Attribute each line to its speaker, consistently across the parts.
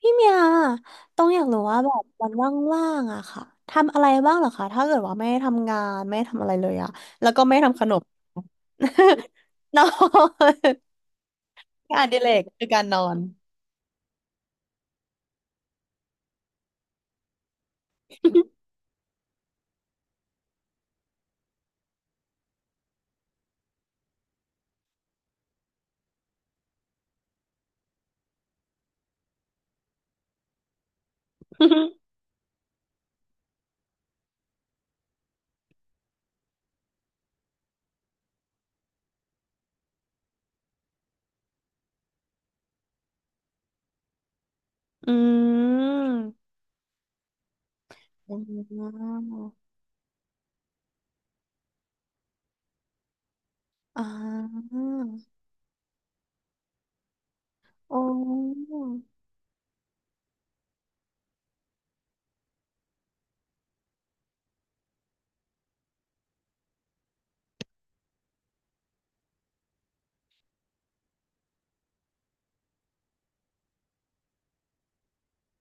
Speaker 1: พี่เมียต้องอยากรู้ว่าแบบวันว่างๆอะค่ะทำอะไรบ้างเหรอคะถ้าเกิดว่าไม่ได้ทำงานไม่ได้ทำอะไรเลยอะแล้วก็ไม่ทำขนม นอนงานอดิเรกคือการนอน อืมอืมอ่าโอ้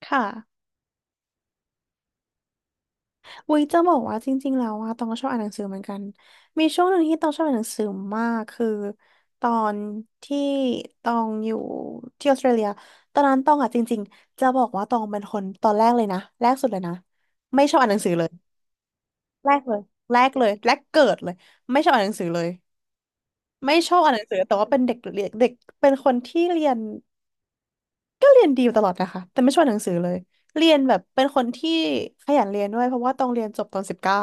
Speaker 1: ค่ะ อุ้ยจะบอกว่าจริงๆแล้วว่าตองก็ชอบอ่านหนังสือเหมือนกันมีช่วงหนึ่งที่ตองชอบอ่านหนังสือมากคือตอนที่ตองอยู่ที่ออสเตรเลียตอนนั้นตองอ่ะจริงๆจะบอกว่าตองเป็นคนตอนแรกเลยนะแรกสุดเลยนะไม่ชอบอ่านหนังสือเลยแรกเลยแรกเลยแรกเกิดเลยไม่ชอบอ่านหนังสือเลยไม่ชอบอ่านหนังสือแต่ว่าเป็นเด็กเรียนเด็กเป็นคนที่เรียนก็เรียนดีอยู่ตลอดนะคะแต่ไม่ชอบอ่านหนังสือเลยเรียนแบบเป็นคนที่ขยันเรียนด้วยเพราะว่าตองเรียนจบตอน19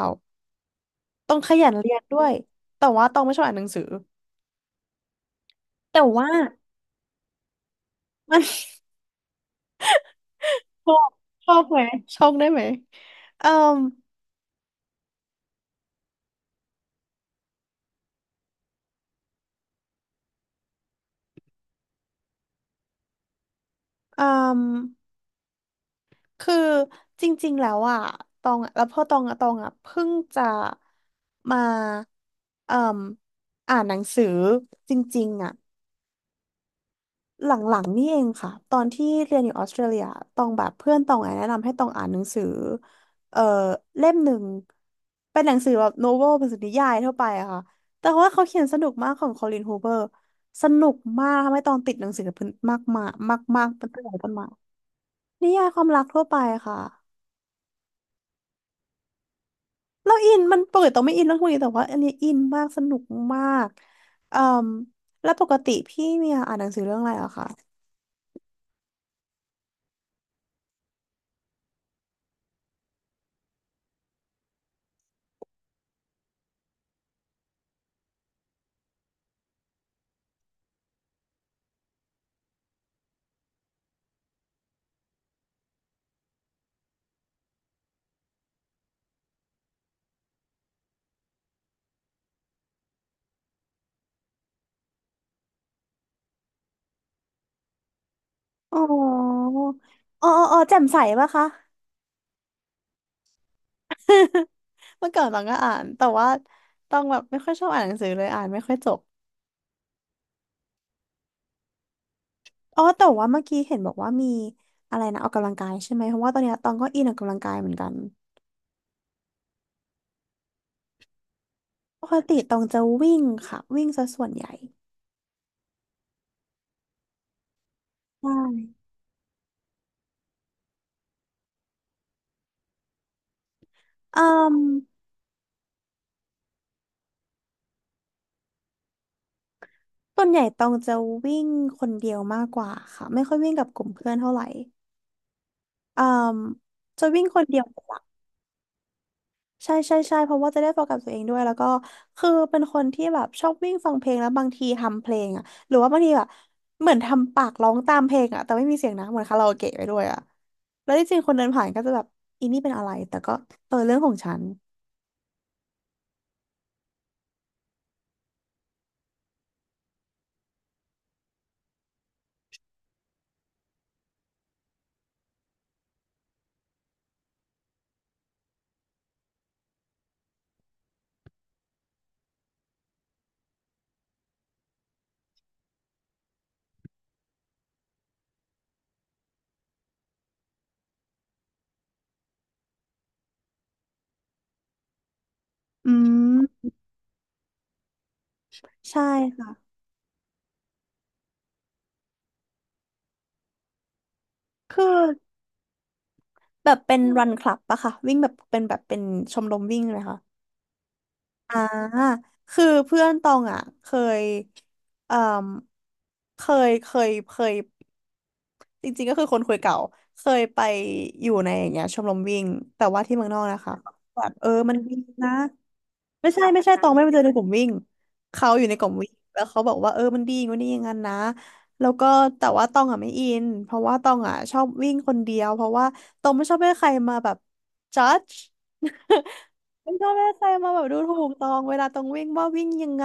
Speaker 1: ต้องขยันเรียนด้วยแต่ว่าต้องไม่ชอบอ่านหนังสือ แต่ว่ามัน ชอบชอบไหมชอบได้ไหมเอ่มเอ่มคือจริงๆแล้วอ่ะตองอะแล้วพอตองอะตองอ่ะเพิ่งจะมาเอ่มอ่านหนังสือจริงๆอ่ะ หลังๆนี่เองค่ะตอนที่เรียนอยู่ออสเตรเลียตองแบบเพื่อนตองอะแนะนำให้ตองอ่านหนังสือเอ่อเล่มหนึ่งเป็นหนังสือแบบโนเวลเป็นสือนิยายทั่วไปอะค่ะแต่ว่าเขาเขียนสนุกมากของคอลินฮูเบอร์สนุกมากทำให้ตองติดหนังสือเพิ่นมากมากมากมากเป็นตั้งแต่ต้นมานิยายความรักทั่วไปค่ะเราอินมันปกติตองไม่อินเรื่องพวกนี้แต่ว่าอันนี้อินมากสนุกมากเอ่มแล้วปกติพี่เมียอ่านหนังสือเรื่องอะไรอะคะ อ๋ออ๋อแจ่มใสปะคะ เมื่อก่อนตองก็อ่านแต่ว่าต้องแบบไม่ค่อยชอบอ่านหนังสือเลยอ่านไม่ค่อยจบอ๋อแต่ว่าเมื่อกี้เห็นบอกว่ามีอะไรนะออกกำลังกายใช่ไหมเพราะว่าตอนเนี้ยตองก็อินออกกำลังกายเหมือนกันปกติตองจะวิ่งค่ะวิ่งซะส่วนใหญ่ใช่อืมส่วนใหญ่ตองจะวิ่งคนเดียวมากกว่าค่ะไม่ค่อยวิ่งกับกลุ่มเพื่อนเท่าไหร่อืมจะวิ่งคนเดียว ใช่ใช่เพราะว่าจะได้โฟกัสตัวเองด้วยแล้วก็คือเป็นคนที่แบบชอบวิ่งฟังเพลงแล้วบางทีทำเพลงอ่ะหรือว่าบางทีแบบเหมือนทำปากร้องตามเพลงอ่ะแต่ไม่มีเสียงนะเหมือนคาราโอเกะไปด้วยอ่ะแล้วที่จริงคนเดินผ่านก็จะแบบอีนี่เป็นอะไรแต่ก็เออเรื่องของฉันอืมใช่ค่ะคือแบบเป็นรันคลับปะค่ะวิ่งแบบเป็นชมรมวิ่งเลยค่ะอ่าคือเพื่อนตองอ่ะเคยเอ่อเคเคย จริงๆก็คือคนคุยเก่า เคยไปอยู่ในอย่างเงี้ยชมรมวิ่งแต่ว่าที่เมืองนอกนะคะแบบเออมันดีนะไม่ใช่ตองไม่ไปเจอในกลุ่มวิ่งเขาอยู่ในกลุ่มวิ่งแล้วเขาบอกว่าเออมันดีอย่างงู้นนี่อย่างนั้นนะแล้วก็แต่ว่าตองอ่ะไม่อินเพราะว่าตองอ่ะชอบวิ่งคนเดียวเพราะว่าตองไม่ชอบให้ใครมาแบบ judge ไม่ชอบให้ใครมาแบบดูถูกตองเวลาตองวิ่งว่าวิ่งยังไง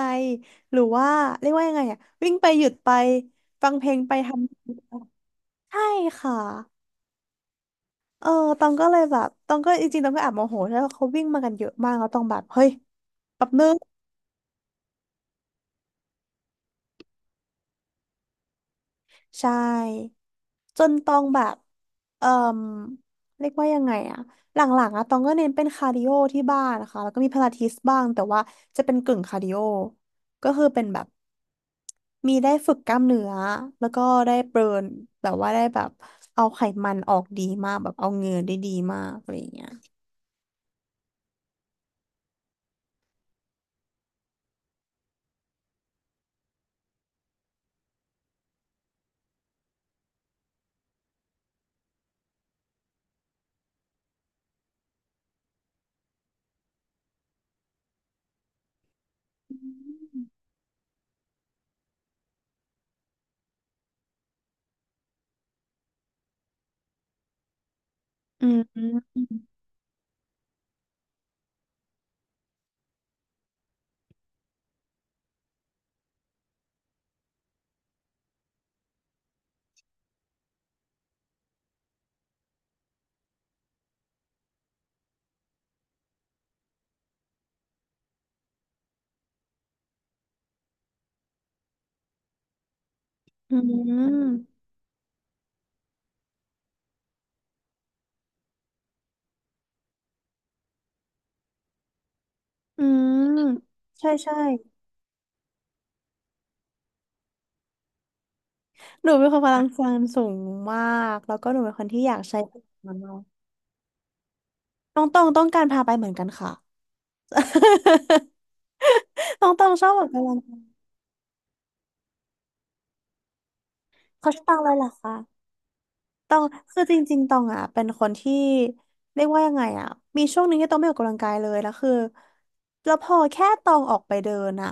Speaker 1: หรือว่าเรียกว่ายังไงอ่ะวิ่งไปหยุดไปฟังเพลงไปทำ ใช่ค่ะ เออตองก็เลยแบบตองก็จริงๆตองก็แอบโมโหแล้วาเขาวิ่งมากันเยอะมากแล้วตองแบบเฮ้ยแป๊บนึงใช่จนตองแบบเอ่มเรียกว่ายังไงอะหลังๆอะตองก็เน้นเป็นคาร์ดิโอที่บ้านนะคะแล้วก็มีพลาทิสบ้างแต่ว่าจะเป็นกึ่งคาร์ดิโอก็คือเป็นแบบมีได้ฝึกกล้ามเนื้อแล้วก็ได้เบิร์นแบบว่าได้แบบเอาไขมันออกดีมากแบบเอาเหงื่อได้ดีมากอะไรอย่างเงี้ยอืม อืมอืมใช่หนูเป็นคนพลังงานสูงมากแล้วก็หนูเป็นคนที่อยากใช้พลังงานมากน้องต้องต้องการพาไปเหมือนกันค่ะ น้องต้องชอบออกกำลังกายเขาชื่อตังอะไรเหรอคะ ตองคือจริงๆตองอ่ะเป็นคนที่เรียกว่ายังไงอ่ะมีช่วงหนึงที่ตองไม่ออกกำลังกายเลยแล้วคือแล้วพอแค่ตองออกไปเดินอ่ะ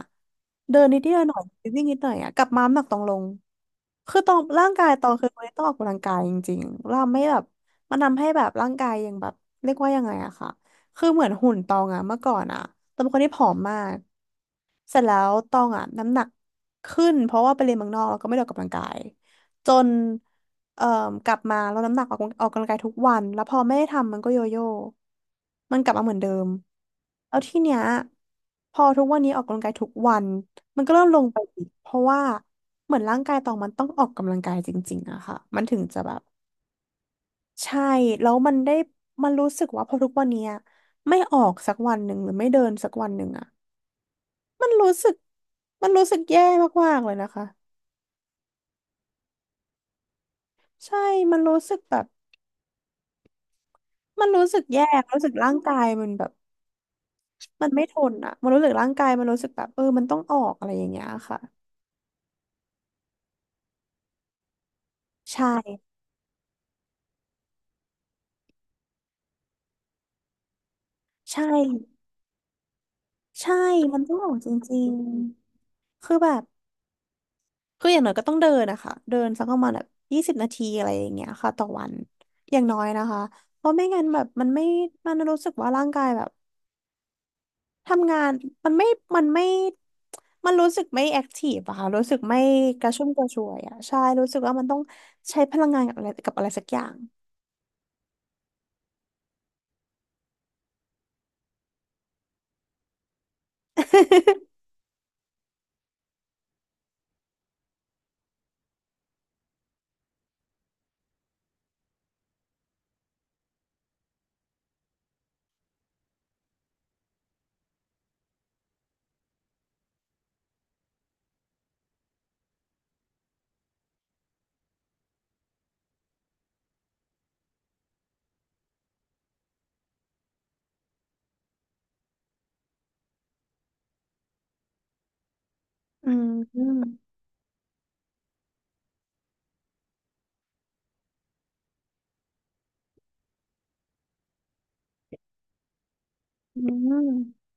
Speaker 1: เดินนิดเดียวหน่อยไปวิ่งนิดหน่อยอ่ะกลับมาน้ำหนักตองลงคือตองร่างกายตองคือคนที่ต้องออกกำลังกายจริงๆเราไม่แบบมันทำให้แบบร่างกายยังแบบเรียกว่ายังไงอะค่ะคือเหมือนหุ่นตองอะเมื่อก่อนอะตองเป็นคนที่ผอมมากเสร็จแล้วตองอะน้ำหนักขึ้นเพราะว่าไปเรียนเมืองนอกแล้วก็ไม่ได้ออกกำลังกายจน เอ่อกลับมาลดน้ำหนักออกกำลังกายทุกวันแล้วพอไม่ได้ทำมันก็โยโย่มันกลับมาเหมือนเดิมแล้วทีเนี้ยพอทุกวันนี้ออกกำลังกายทุกวันมันก็เริ่มลงไปอีกเพราะว่าเหมือนร่างกายตองมันต้องออกกำลังกายจริงๆอะค่ะมันถึงจะแบบใช่แล้วมันได้มันรู้สึกว่าพอทุกวันเนี้ยไม่ออกสักวันหนึ่งหรือไม่เดินสักวันหนึ่งอะมันรู้สึกมันรู้สึกแย่มากๆเลยนะคะใช่มันรู้สึกแบบมันรู้สึกแย่รู้สึกร่างกายมันแบบ มันไม่ทนอ่ะมันรู้สึกร่างกายมันรู้สึกแบบเออมันต้องออกอะไรอย่างเงี้ยค่ะใช่ใช่ใช่มันต้องออกจริงๆคือแบบคืออย่างน้อยก็ต้องเดินนะคะเดินสักประมาณแบบ20 นาทีอะไรอย่างเงี้ยค่ะต่อวันอย่างน้อยนะคะเพราะไม่งั้นแบบมันไม่มันรู้สึกว่าร่างกายแบบทำงานมันไม่มันไม่มันรู้สึกไม่แอคทีฟอะค่ะรู้สึกไม่กระชุ่มกระชวยอะใช่รู้สึกว่ามันต้องใช้พลังงานกับอะไรกับอะไรสักอย่าง อืม อืม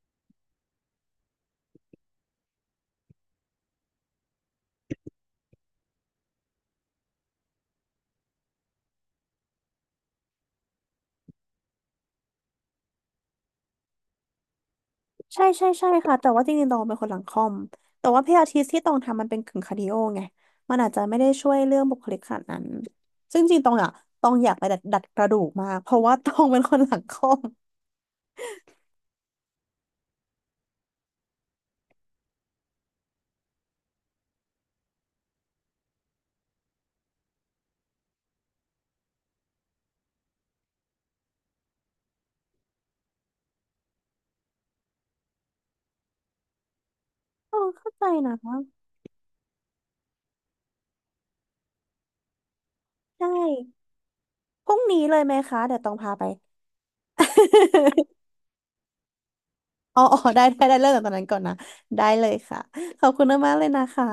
Speaker 1: ใช่ใช่ใช่ค่ะแต่ว่าจริงๆตองเป็นคนหลังคอมแต่ว่าเพี่อาทิตที่ตองทำมันเป็นกึ่งคาร์ดิโอไงมันอาจจะไม่ได้ช่วยเรื่องบุคลิกขนาดนั้นซึ่งจริงๆตองอ่ะตองอยากไปดัดดัดกระดูกมากเพราะว่าตองเป็นคนหลังคอมตองเข้าใจนะใช่พรุ่งนี้เลยไหมคะเดี๋ยวตองพาไป อ๋ออ๋อได้ได้ได้เริ่มจากตอนนั้นก่อนนะได้เลยค่ะขอบคุณมากๆเลยนะคะ